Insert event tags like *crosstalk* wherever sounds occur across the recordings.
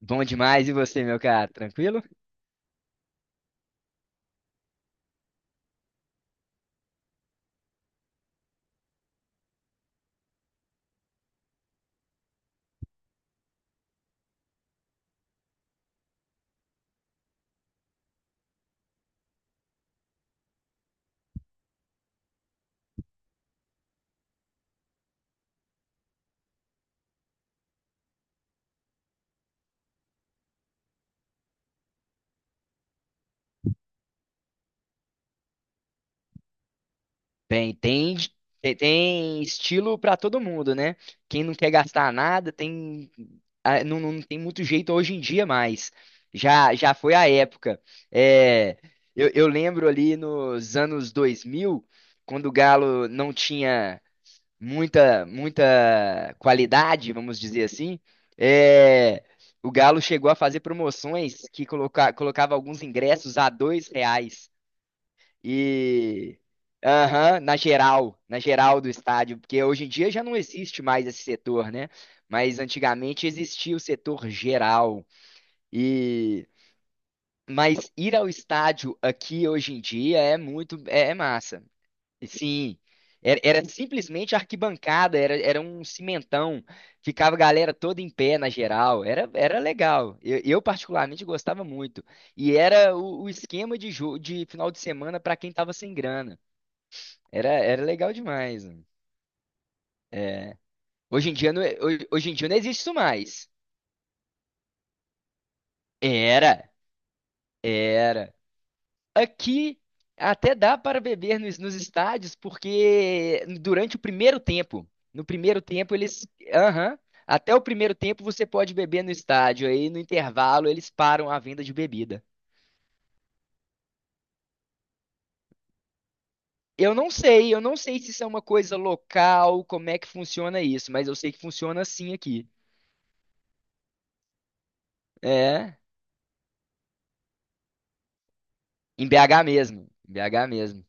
Bom demais, e você, meu cara? Tranquilo? Bem, tem, tem estilo pra todo mundo, né? Quem não quer gastar nada, tem, não tem muito jeito hoje em dia mais. Já foi a época. É, eu lembro ali nos anos 2000 quando o Galo não tinha muita, muita qualidade, vamos dizer assim, é, o Galo chegou a fazer promoções que colocava alguns ingressos a R$ 2. E aham, na geral do estádio, porque hoje em dia já não existe mais esse setor, né? Mas antigamente existia o setor geral. E mas ir ao estádio aqui hoje em dia é muito é massa. E sim, era simplesmente arquibancada, era um cimentão, ficava a galera toda em pé na geral, era legal. Eu particularmente gostava muito. E era o esquema de jogo de final de semana para quem tava sem grana. Era legal demais, mano. É. Hoje em dia não, hoje em dia não existe isso mais. Era, era. Aqui até dá para beber nos estádios, porque durante o primeiro tempo, no primeiro tempo eles, aham, até o primeiro tempo você pode beber no estádio, aí no intervalo eles param a venda de bebida. Eu não sei se isso é uma coisa local, como é que funciona isso, mas eu sei que funciona assim aqui. É, em BH mesmo, em BH mesmo.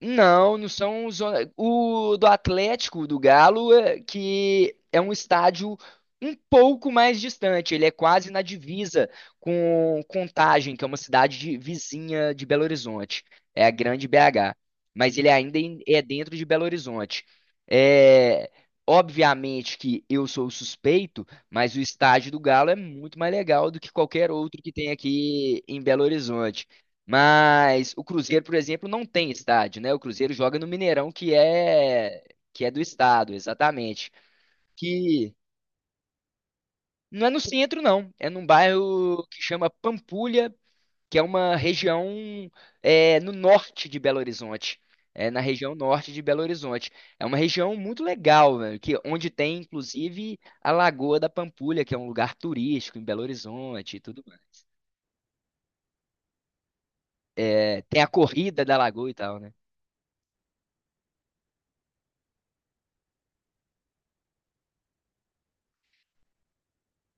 Não, não são zona. O do Atlético, do Galo, que é um estádio um pouco mais distante. Ele é quase na divisa com Contagem, que é uma cidade vizinha de Belo Horizonte. É a grande BH. Mas ele ainda é dentro de Belo Horizonte. É, obviamente que eu sou o suspeito, mas o estádio do Galo é muito mais legal do que qualquer outro que tem aqui em Belo Horizonte. Mas o Cruzeiro, por exemplo, não tem estádio, né? O Cruzeiro joga no Mineirão, que é do estado, exatamente. Que não é no centro, não. É num bairro que chama Pampulha, que é uma região é, no norte de Belo Horizonte. É na região norte de Belo Horizonte. É uma região muito legal, velho, que onde tem inclusive a Lagoa da Pampulha, que é um lugar turístico em Belo Horizonte e tudo mais. É, tem a corrida da Lagoa e tal, né?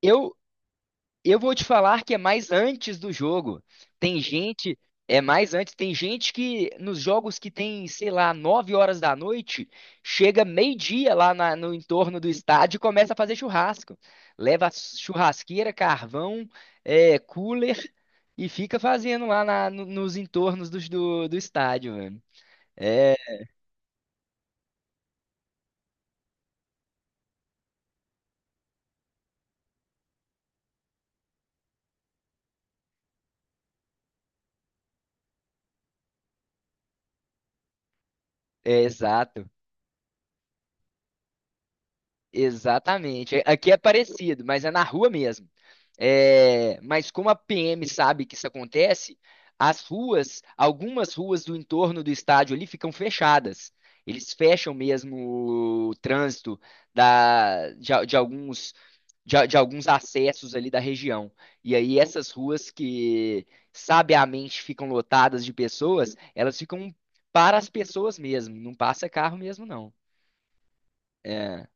Eu, Eu vou te falar que é mais antes do jogo. Tem gente, é mais antes, tem gente que nos jogos que tem, sei lá, 9 horas da noite, chega meio-dia lá no entorno do estádio e começa a fazer churrasco. Leva churrasqueira, carvão, cooler e fica fazendo lá nos entornos do estádio, mano. É, é exato. Exatamente. Aqui é parecido, mas é na rua mesmo. É, mas como a PM sabe que isso acontece, as ruas, algumas ruas do entorno do estádio ali ficam fechadas. Eles fecham mesmo o trânsito de alguns, de alguns acessos ali da região. E aí essas ruas que sabiamente ficam lotadas de pessoas, elas ficam para as pessoas mesmo, não passa carro mesmo, não. É.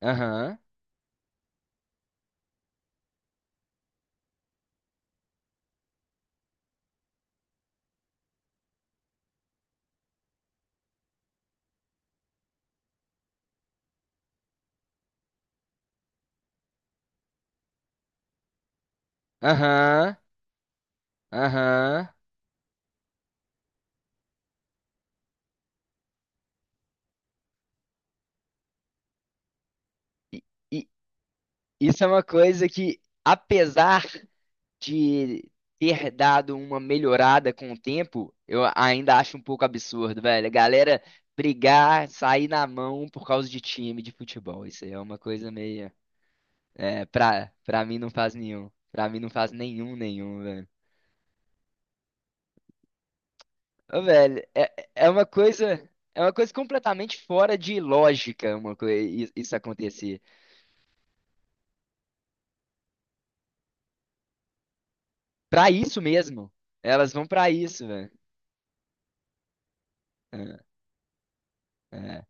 Aham. Aham. Aham. E, e isso é uma coisa que, apesar de ter dado uma melhorada com o tempo, eu ainda acho um pouco absurdo, velho. A galera brigar, sair na mão por causa de time de futebol. Isso aí é uma coisa meio. É, pra mim não faz nenhum. Pra mim não faz nenhum, nenhum, velho. Ô, velho, é uma coisa. É uma coisa completamente fora de lógica, uma coisa, isso acontecer. Pra isso mesmo. Elas vão pra isso, velho. É. É,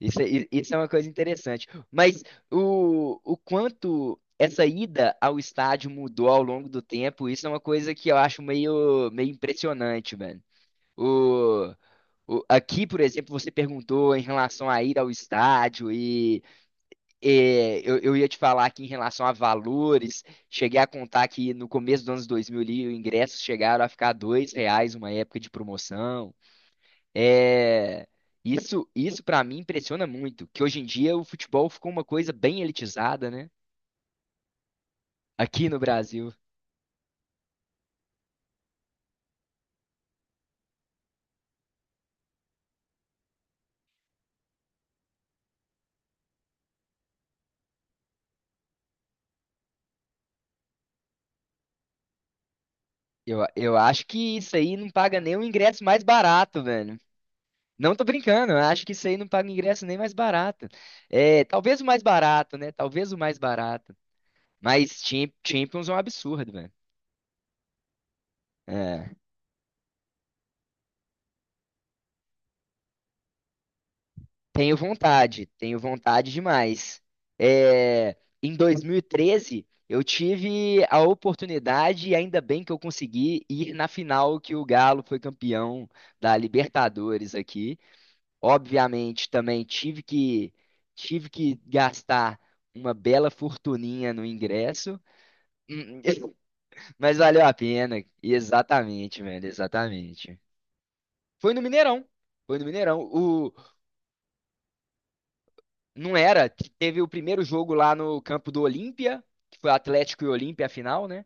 isso, isso é uma coisa interessante. Mas o quanto essa ida ao estádio mudou ao longo do tempo, isso é uma coisa que eu acho meio, meio impressionante, mano. O, Aqui, por exemplo, você perguntou em relação à ida ao estádio e, é, eu ia te falar aqui em relação a valores. Cheguei a contar que no começo dos anos 2000 ali, os ingressos chegaram a ficar R$ 2 uma época de promoção. É, isso, para mim impressiona muito, que hoje em dia o futebol ficou uma coisa bem elitizada, né? Aqui no Brasil. Eu acho que isso aí não paga nem o ingresso mais barato, velho. Não tô brincando, eu acho que isso aí não paga ingresso nem mais barato. É, talvez o mais barato, né? Talvez o mais barato. Mas Champions é um absurdo, velho. É. Tenho vontade demais. É, em 2013, eu tive a oportunidade, e ainda bem que eu consegui ir na final que o Galo foi campeão da Libertadores aqui. Obviamente, também tive que gastar uma bela fortuninha no ingresso, *laughs* mas valeu a pena. Exatamente, velho, exatamente. Foi no Mineirão. Foi no Mineirão. Não era. Teve o primeiro jogo lá no campo do Olímpia, que foi Atlético e Olímpia a final, né?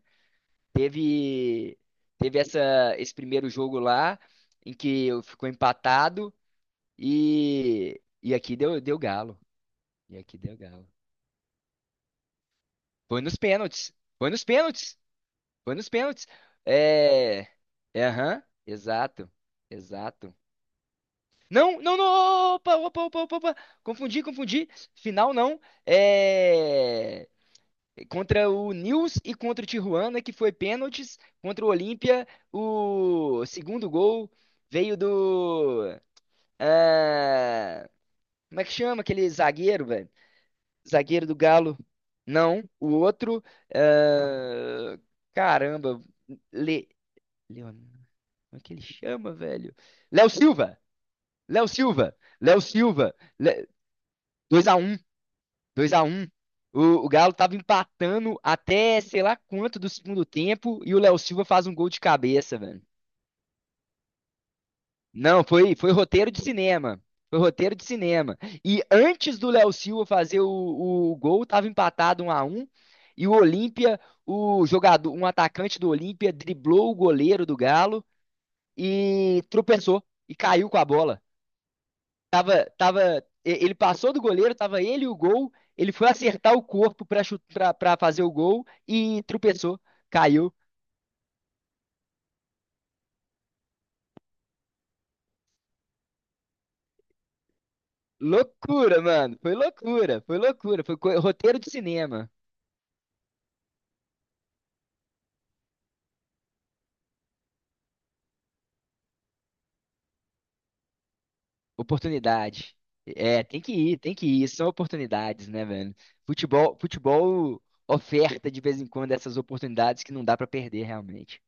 Teve, teve esse primeiro jogo lá, em que ficou empatado e aqui deu galo. E aqui deu galo. Foi nos pênaltis. Foi nos pênaltis. Foi nos pênaltis. É. É, aham, exato. Exato. Não, não, não! Opa, opa, opa, opa, opa. Confundi, confundi. Final não. É. Contra o Nils e contra o Tijuana, que foi pênaltis. Contra o Olímpia, o segundo gol veio do. Ah, como é que chama aquele zagueiro, velho? Zagueiro do Galo. Não, o outro. ah, Caramba. Le, Leon- Como é que ele chama, velho? Léo Silva! Léo Silva! Léo Silva! Le, 2-1. 2-1. O Galo tava empatando até sei lá quanto do segundo tempo e o Léo Silva faz um gol de cabeça, velho. Não, foi roteiro de cinema. Foi roteiro de cinema. E antes do Léo Silva fazer o gol, tava empatado 1-1. E o Olímpia, o jogador, um atacante do Olímpia, driblou o goleiro do Galo e tropeçou e caiu com a bola. Tava, tava, Ele passou do goleiro, tava ele e o gol. Ele foi acertar o corpo pra fazer o gol e tropeçou, caiu. Loucura, mano. Foi loucura, foi loucura. Foi roteiro de cinema. Oportunidade. É, tem que ir, tem que ir. São oportunidades, né, velho? Futebol oferta de vez em quando essas oportunidades que não dá pra perder realmente.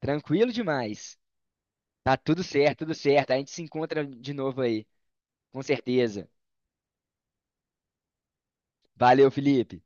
Tranquilo demais. Tá tudo certo, tudo certo. A gente se encontra de novo aí, com certeza. Valeu, Felipe.